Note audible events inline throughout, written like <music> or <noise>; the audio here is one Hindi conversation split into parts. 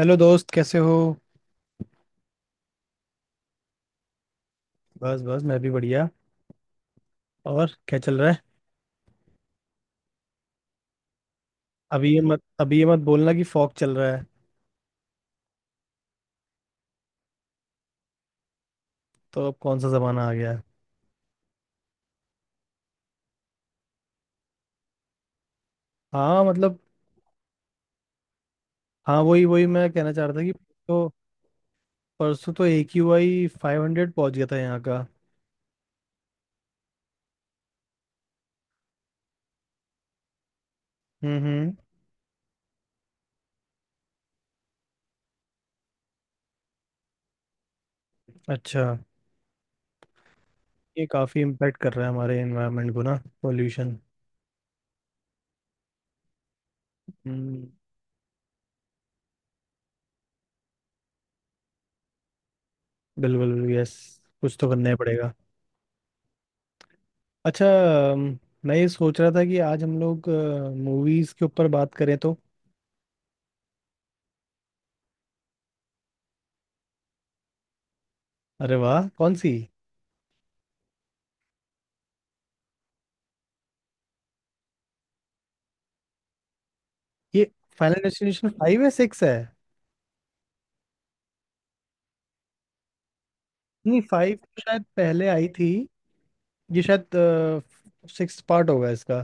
हेलो दोस्त, कैसे हो? बस बस मैं भी बढ़िया। और क्या चल रहा है? अभी ये मत बोलना कि फॉग चल रहा है। तो अब कौन सा जमाना आ गया है? हाँ, मतलब। हाँ वही वही मैं कहना चाह रहा था कि। तो परसों तो AQI 500 पहुंच गया था यहाँ का। हम्म, हम्म। अच्छा, ये काफ़ी इम्पेक्ट कर रहा है हमारे एनवायरनमेंट को ना, पोल्यूशन। हम्म। बिल्कुल बिल्कुल, यस। कुछ तो करना ही पड़ेगा। अच्छा। अम, मैं ये सोच रहा था कि आज हम लोग मूवीज के ऊपर बात करें तो। अरे वाह, कौन सी? ये फाइनल डेस्टिनेशन 5 है, 6 है? नहीं, 5 तो शायद पहले आई थी। ये शायद 6 पार्ट होगा इसका।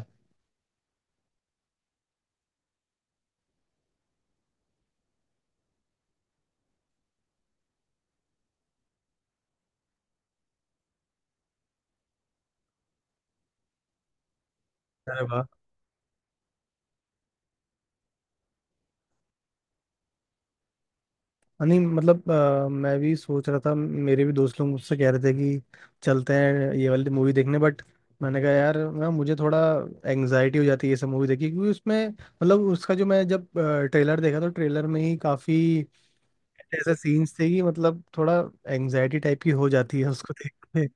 अरे वाह। नहीं मतलब मैं भी सोच रहा था, मेरे भी दोस्त लोग मुझसे कह रहे थे कि चलते हैं ये वाली मूवी देखने, बट मैंने कहा यार ना, मुझे थोड़ा एंग्जाइटी हो जाती है ये सब मूवी देखी, क्योंकि उसमें मतलब उसका जो मैं जब ट्रेलर देखा तो ट्रेलर में ही काफी ऐसे सीन्स थे कि मतलब थोड़ा एंग्जाइटी टाइप की हो जाती है उसको देख के।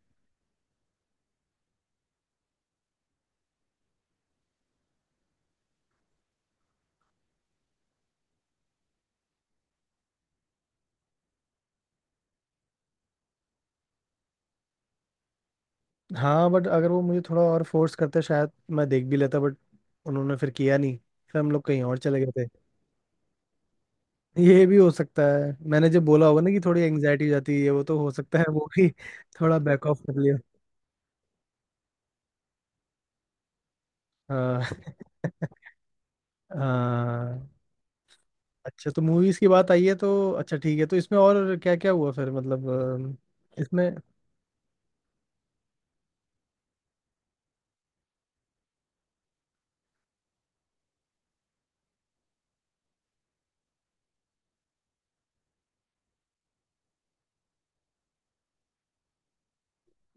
हाँ बट अगर वो मुझे थोड़ा और फोर्स करते शायद मैं देख भी लेता, बट उन्होंने फिर किया नहीं, फिर हम लोग कहीं और चले गए थे। ये भी हो सकता है, मैंने जब बोला होगा ना कि थोड़ी एंग्जाइटी हो जाती है, वो तो हो सकता है वो भी <laughs> थोड़ा बैक ऑफ कर लिया। हाँ। <laughs> हाँ। अच्छा तो मूवीज की बात आई है, तो अच्छा ठीक है, तो इसमें और क्या क्या हुआ फिर, मतलब इसमें।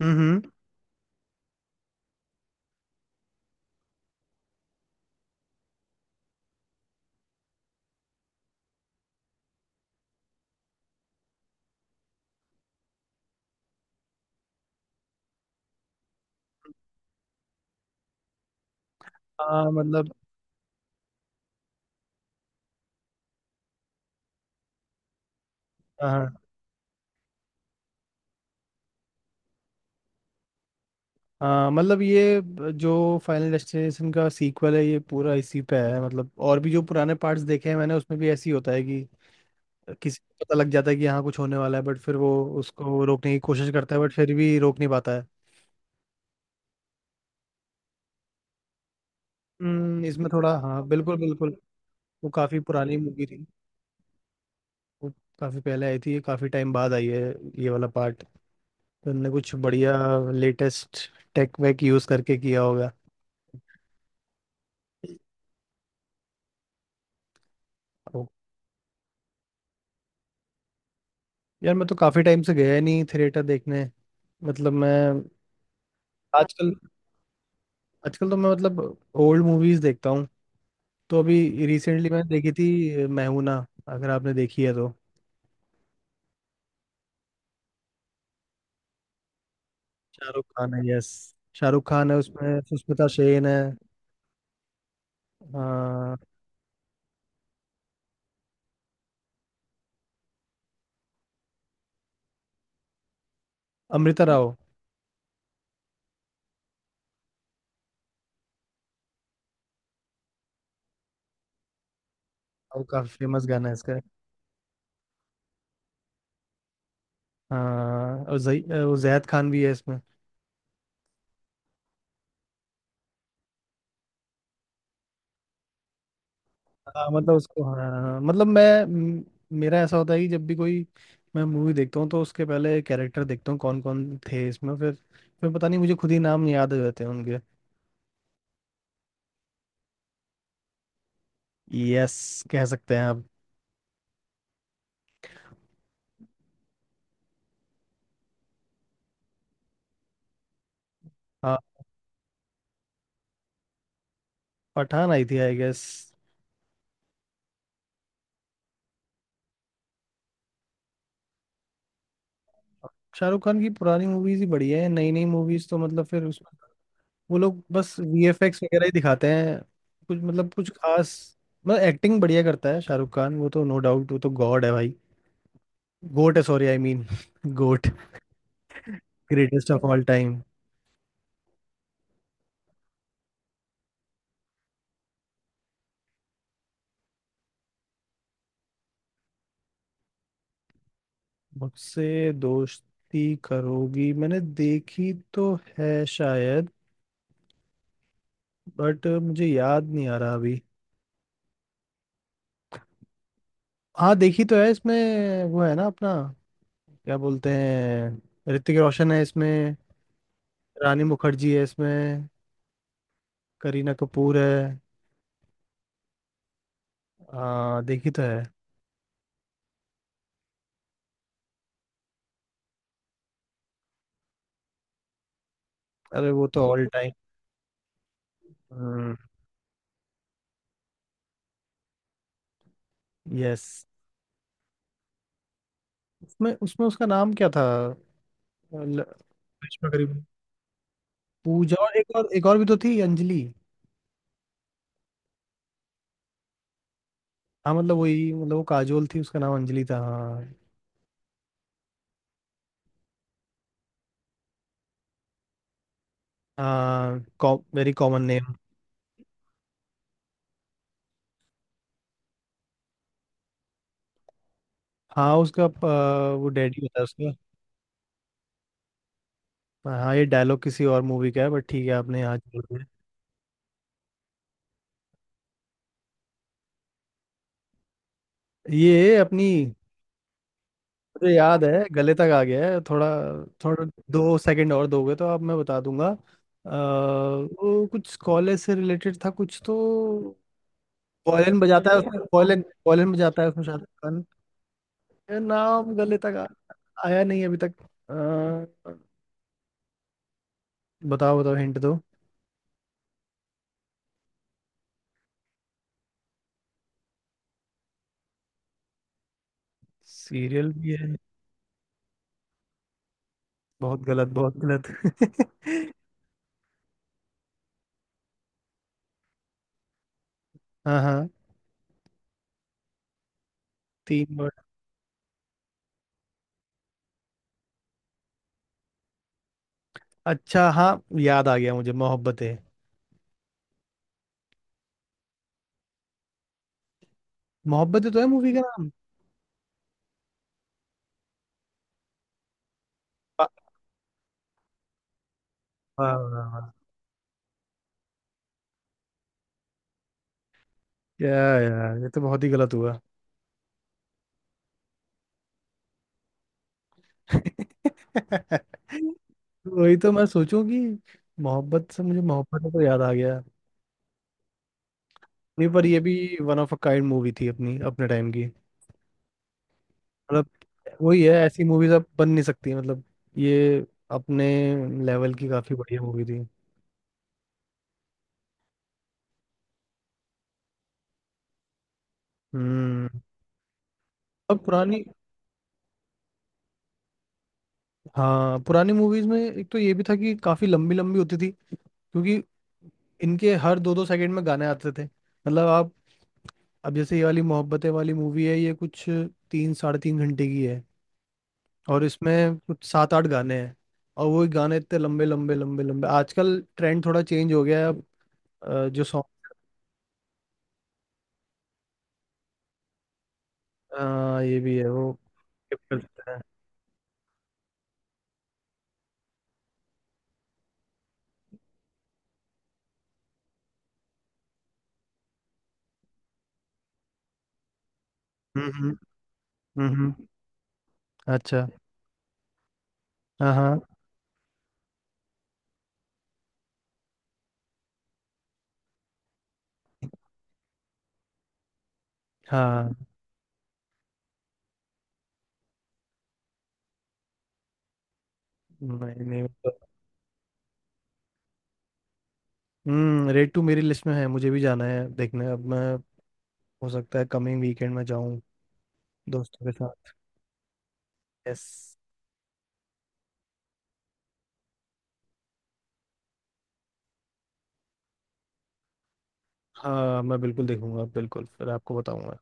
हम्म, हम्म। हाँ मतलब। हाँ। हाँ मतलब जो फाइनल डेस्टिनेशन का सीक्वल है ये पूरा इसी पे है, मतलब और भी जो पुराने पार्ट्स देखे हैं मैंने उसमें भी ऐसे ही होता है कि किसी को पता लग जाता है कि यहाँ कुछ होने वाला है, बट फिर वो उसको रोकने की कोशिश करता है, बट फिर भी रोक नहीं पाता है। इसमें थोड़ा हाँ, बिल्कुल बिल्कुल। वो काफ़ी पुरानी मूवी थी, वो काफ़ी पहले आई थी, काफ़ी टाइम बाद आई है ये वाला पार्ट, तो उनने कुछ बढ़िया लेटेस्ट टेक वेक यूज़ करके किया होगा। ओ, यार मैं तो काफ़ी टाइम से गया ही नहीं थिएटर देखने। मतलब मैं आजकल, आजकल तो मैं ओल्ड मूवीज देखता हूँ। तो अभी रिसेंटली मैंने देखी थी मैहूना, अगर आपने देखी है तो। शाहरुख खान है, यस, शाहरुख खान है, उसमें सुष्मिता सेन है। हाँ, अमृता राव। और काफी फेमस गाना है इसका। हाँ, और जही वो जैद खान भी है इसमें। हाँ मतलब उसको, हाँ हाँ, हाँ, मतलब मेरा ऐसा होता है कि जब भी कोई मैं मूवी देखता हूँ तो उसके पहले कैरेक्टर देखता हूँ कौन कौन थे इसमें, फिर पता नहीं मुझे खुद ही नाम याद हो जाते हैं उनके। यस, कह सकते हैं आप। हाँ, पठान आई थी आई गेस। शाहरुख खान की पुरानी मूवीज ही बढ़िया है, नई नई मूवीज तो मतलब, फिर उस वो लोग बस VFX वगैरह ही दिखाते हैं, कुछ मतलब कुछ खास। मतलब एक्टिंग बढ़िया करता है शाहरुख खान, वो तो नो डाउट, वो तो गॉड है भाई। गोट है, sorry I mean GOAT, greatest of all time. <laughs> मुझसे दोस्ती करोगी, मैंने देखी तो है शायद, बट मुझे याद नहीं आ रहा अभी। हाँ, देखी तो है, इसमें वो है ना अपना, क्या बोलते हैं, ऋतिक रोशन है इसमें, रानी मुखर्जी है इसमें, करीना कपूर है। हाँ देखी तो है। अरे वो तो ऑल टाइम, यस। उसमें उसमें उसका नाम क्या था? ल- करिश्मा करीब, पूजा। और एक और एक और भी तो थी, अंजलि। हाँ मतलब वही, मतलब वो काजोल थी, उसका नाम अंजलि था, हाँ। हाँ वेरी कॉमन नेम। हाँ उसका वो डैडी होता है उसका। हाँ, ये डायलॉग किसी और मूवी का है बट ठीक है आपने यहाँ जोड़ दिया। ये अपनी। मुझे याद है, गले तक आ गया है, थोड़ा, थोड़ा, 2 सेकंड और दोगे तो आप मैं बता दूंगा। वो कुछ कॉलेज से रिलेटेड था कुछ तो। वॉयलिन बजाता है उसमें शाहरुख खान। ये नाम गले तक आया नहीं अभी तक। अ, बताओ बताओ हिंट दो। सीरियल भी है। बहुत गलत। <laughs> हाँ हाँ। तीन वर्ड। अच्छा हाँ, याद आ गया मुझे, मोहब्बतें। मोहब्बतें तो है मूवी का नाम। वाह वाह वाह, वाह। क्या यार, ये तो बहुत ही गलत हुआ। वही तो मैं सोचूं कि मोहब्बत से मुझे मोहब्बत है तो याद आ गया। नहीं पर ये भी one of a kind movie थी, अपनी अपने टाइम की, मतलब। वही है, ऐसी मूवीज अब बन नहीं सकती, मतलब ये अपने लेवल की काफी बढ़िया मूवी थी। हम्म। अब पुरानी, हाँ पुरानी मूवीज में एक तो ये भी था कि काफी लंबी लंबी होती थी, क्योंकि इनके हर 2 2 सेकंड में गाने आते थे, मतलब आप। अब जैसे ये वाली मोहब्बतें वाली मूवी है ये कुछ 3 साढ़े 3 घंटे की है, और इसमें कुछ सात आठ गाने हैं, और वो गाने इतने लंबे लंबे लंबे लंबे, आजकल ट्रेंड थोड़ा चेंज हो गया है अब। जो सॉन्ग, ये भी है वो skip करते हैं। हम्म, हम्म, अच्छा। हाँ हाँ। हाँ। नहीं नहीं वो तो। हम्म, रेड 2 मेरी लिस्ट में है, मुझे भी जाना है देखने अब। मैं हो सकता है कमिंग वीकेंड में जाऊं, दोस्तों के साथ। यस। हाँ मैं बिल्कुल देखूंगा, बिल्कुल फिर आपको बताऊंगा।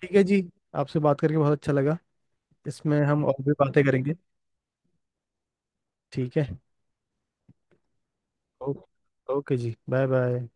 ठीक है जी, आपसे बात करके बहुत अच्छा लगा, इसमें हम और भी बातें करेंगे। ठीक है। ओ- ओके जी, बाय बाय।